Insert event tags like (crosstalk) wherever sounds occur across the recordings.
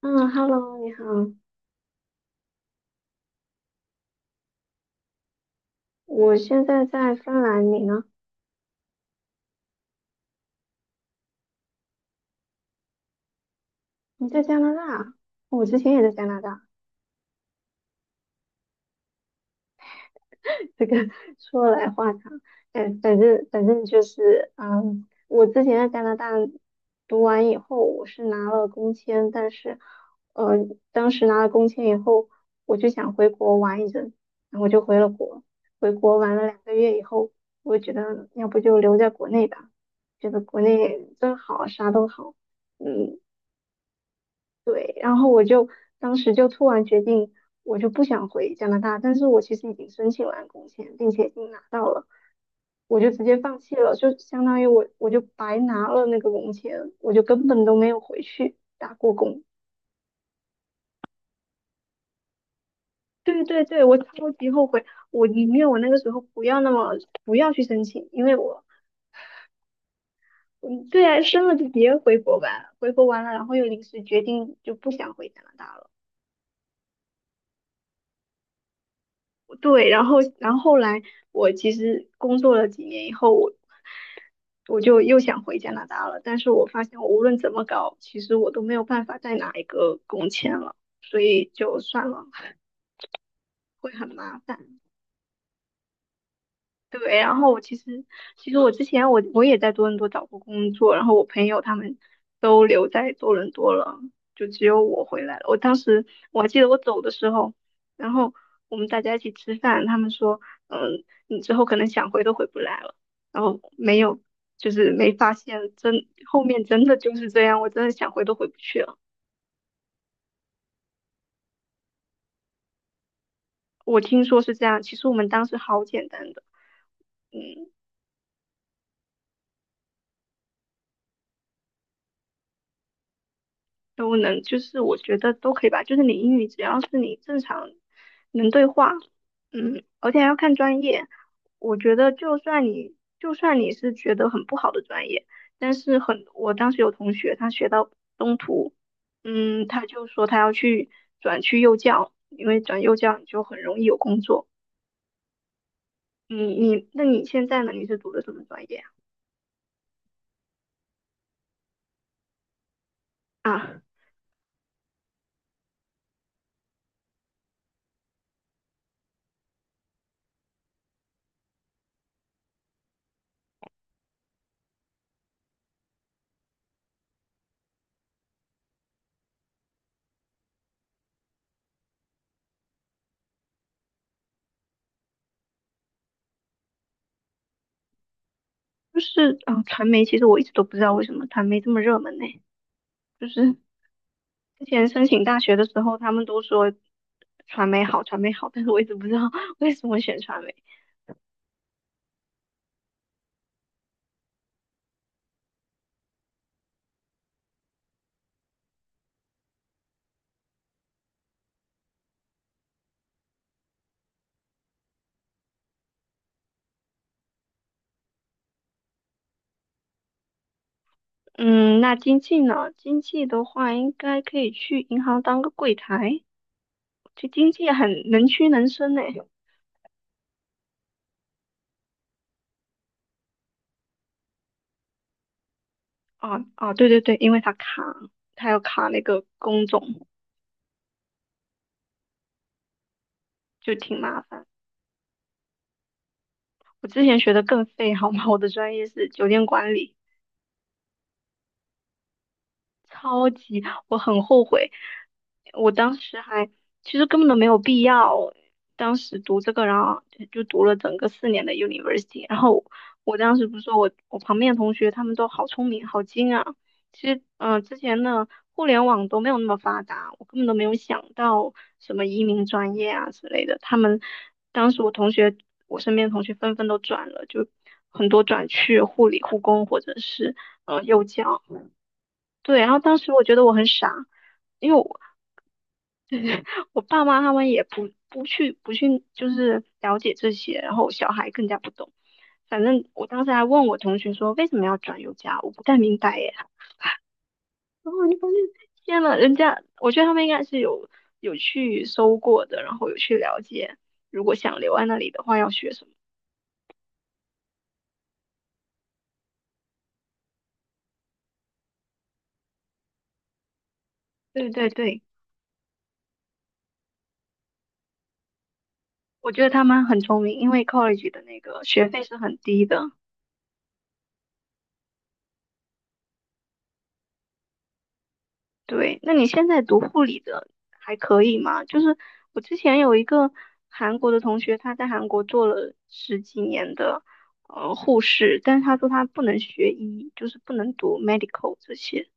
嗯，Hello，你好，我现在在芬兰，你呢？你在加拿大啊？我之前也在加拿大，(laughs) 这个说来话长。反正就是，我之前在加拿大读完以后，我是拿了工签，但是，呃，当时拿了工签以后，我就想回国玩一阵，然后我就回了国。回国玩了2个月以后，我觉得要不就留在国内吧，觉得国内真好，啥都好。嗯，对，然后我就当时就突然决定，我就不想回加拿大，但是我其实已经申请完工签，并且已经拿到了，我就直接放弃了，就相当于我就白拿了那个工签，我就根本都没有回去打过工。对对对，我超级后悔，我宁愿我那个时候不要那么不要去申请，因为我嗯对啊，生了就别回国吧，回国完了，然后又临时决定就不想回加拿大了。对，然后后来我其实工作了几年以后，我就又想回加拿大了，但是我发现我无论怎么搞，其实我都没有办法再拿一个工签了，所以就算了，会很麻烦。对，然后我其实我之前我也在多伦多找过工作，然后我朋友他们都留在多伦多了，就只有我回来了。我当时我还记得我走的时候，然后我们大家一起吃饭，他们说，你之后可能想回都回不来了。然后没有，就是没发现真后面真的就是这样，我真的想回都回不去了。我听说是这样，其实我们当时好简单的。都能，就是我觉得都可以吧。就是你英语只要是你正常能对话，而且还要看专业。我觉得就算你是觉得很不好的专业，但是很，我当时有同学他学到中途，他就说他要去转去幼教，因为转幼教你就很容易有工作。那你现在呢？你是读的什么专业啊？啊，就是啊，传媒其实我一直都不知道为什么传媒这么热门呢，就是。之前申请大学的时候，他们都说传媒好，传媒好，但是我一直不知道 (laughs) 为什么选传媒。嗯，那经济呢？经济的话，应该可以去银行当个柜台，就经济很能屈能伸呢。啊啊，对对对，因为他卡，他要卡那个工种，就挺麻烦。我之前学的更废，好吗？我的专业是酒店管理。超级，我很后悔，我当时还其实根本都没有必要，当时读这个，然后就读了整个四年的 university，然后我当时不是说我旁边的同学他们都好聪明好精啊，其实之前的互联网都没有那么发达，我根本都没有想到什么移民专业啊之类的，他们当时我同学我身边的同学纷纷都转了，就很多转去护理护工或者是幼教。对，然后当时我觉得我很傻，因为我爸妈他们也不去就是了解这些，然后我小孩更加不懂。反正我当时还问我同学说为什么要转幼教，我不太明白耶。(laughs) 然后你发现天呐，人家我觉得他们应该是有去搜过的，然后有去了解，如果想留在那里的话要学什么。对对对，我觉得他们很聪明，因为 college 的那个学费是很低的。对，那你现在读护理的还可以吗？就是我之前有一个韩国的同学，他在韩国做了十几年的护士，但是他说他不能学医，就是不能读 medical 这些，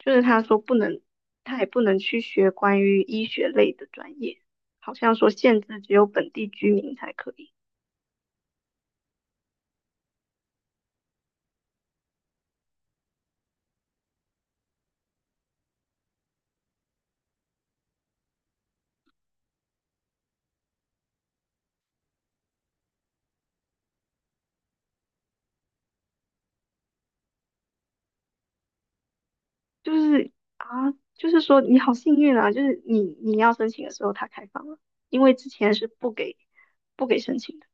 就是他说不能，他还不能去学关于医学类的专业，好像说限制只有本地居民才可以。就是啊，就是说你好幸运啊，就是你要申请的时候他开放了，因为之前是不给申请。的。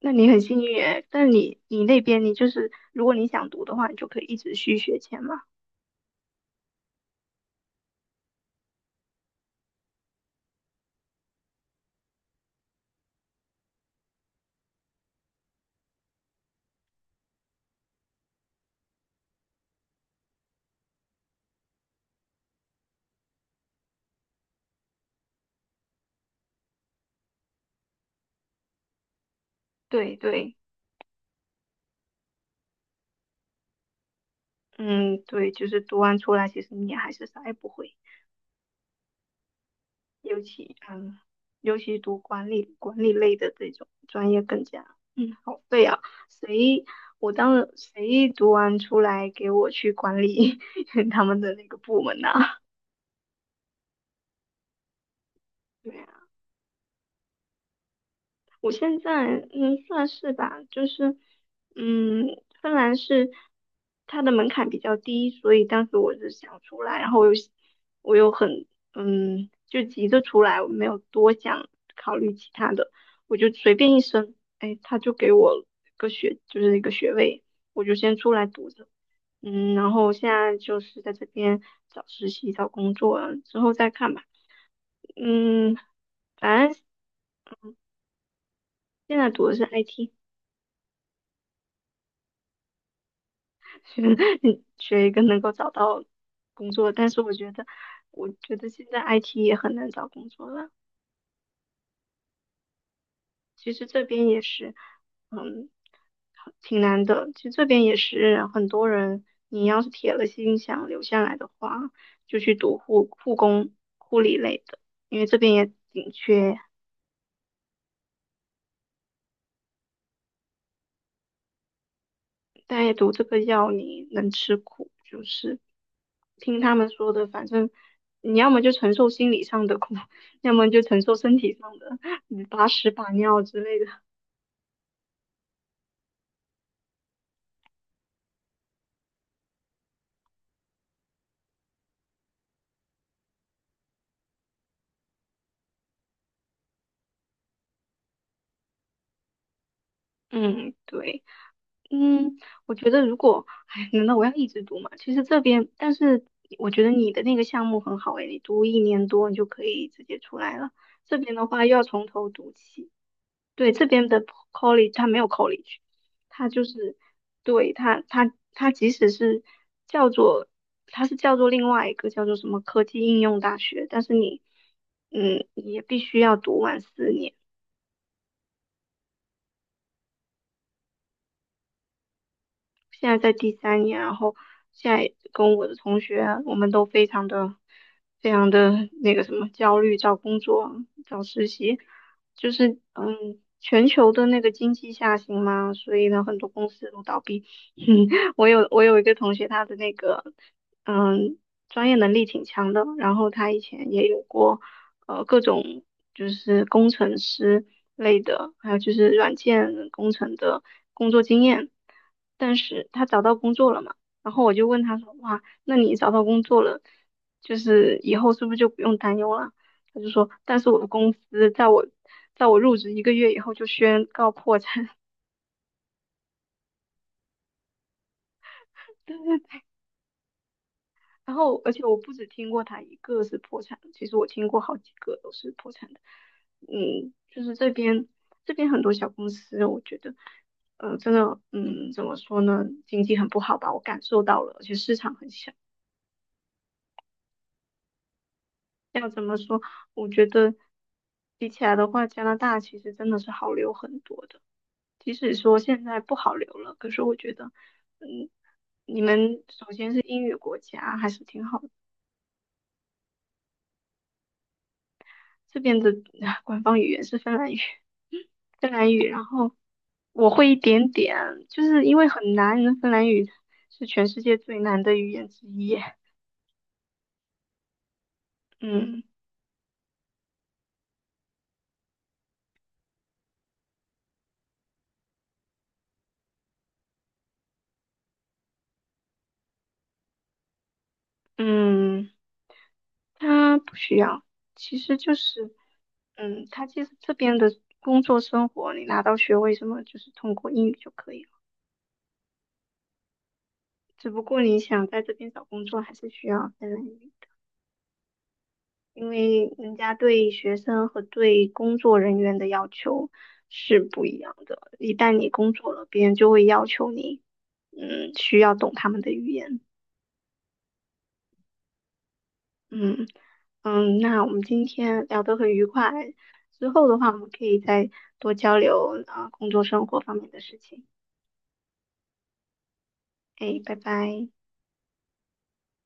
那你很幸运诶，但你那边你就是，如果你想读的话，你就可以一直续学签嘛。对对，嗯，对，就是读完出来，其实你还是啥也不会，尤其嗯，尤其读管理类的这种专业更加，好废啊！谁我当谁读完出来给我去管理 (laughs) 他们的那个部门呐、(laughs) 对啊我现在算是吧，就是嗯，芬兰是它的门槛比较低，所以当时我是想出来，然后我又很就急着出来，我没有多想考虑其他的，我就随便一申，哎，他就给我就是一个学位，我就先出来读着，然后现在就是在这边找实习找工作，之后再看吧，嗯，反正现在读的是 IT。学 (laughs) 学一个能够找到工作，但是我觉得，现在 IT 也很难找工作了。其实这边也是，嗯，挺难的。其实这边也是很多人，你要是铁了心想留下来的话，就去读护工、护理类的，因为这边也紧缺但也毒这个药你能吃苦，就是听他们说的，反正你要么就承受心理上的苦，(laughs) 要么就承受身体上的，你把屎把尿之类的。嗯，对，嗯，我觉得如果，哎，难道我要一直读吗？其实这边，但是我觉得你的那个项目很好诶，你读1年多，你就可以直接出来了。这边的话又要从头读起。对，这边的 college 它没有 college，它就是对它即使是叫做它是叫做另外一个叫做什么科技应用大学，但是你也必须要读完四年。现在在第3年，然后现在跟我的同学，我们都非常的、非常的那个什么焦虑，找工作、找实习，就是全球的那个经济下行嘛，所以呢，很多公司都倒闭。(laughs) 嗯，我有一个同学，他的那个嗯专业能力挺强的，然后他以前也有过。各种就是工程师类的，还有就是软件工程的工作经验。但是他找到工作了嘛，然后我就问他说，哇，那你找到工作了，就是以后是不是就不用担忧了？他就说，但是我的公司在我入职1个月以后就宣告破产。(laughs) 然后，而且我不止听过他一个是破产的，其实我听过好几个都是破产的。就是这边很多小公司，我觉得，真的，怎么说呢，经济很不好吧，我感受到了，而且市场很小。要怎么说？我觉得比起来的话，加拿大其实真的是好留很多的。即使说现在不好留了，可是我觉得，嗯，你们首先是英语国家，还是挺好的。这边的 (laughs) 官方语言是芬兰语。芬兰语，然后我会一点点，就是因为很难，芬兰语是全世界最难的语言之一。嗯嗯，它不需要，其实就是，他其实这边的工作生活，你拿到学位什么，就是通过英语就可以了。只不过你想在这边找工作，还是需要芬兰语。因为人家对学生和对工作人员的要求是不一样的。一旦你工作了，别人就会要求你，需要懂他们的语言。嗯嗯，那我们今天聊得很愉快，之后的话我们可以再多交流啊，工作生活方面的事情。哎，拜拜。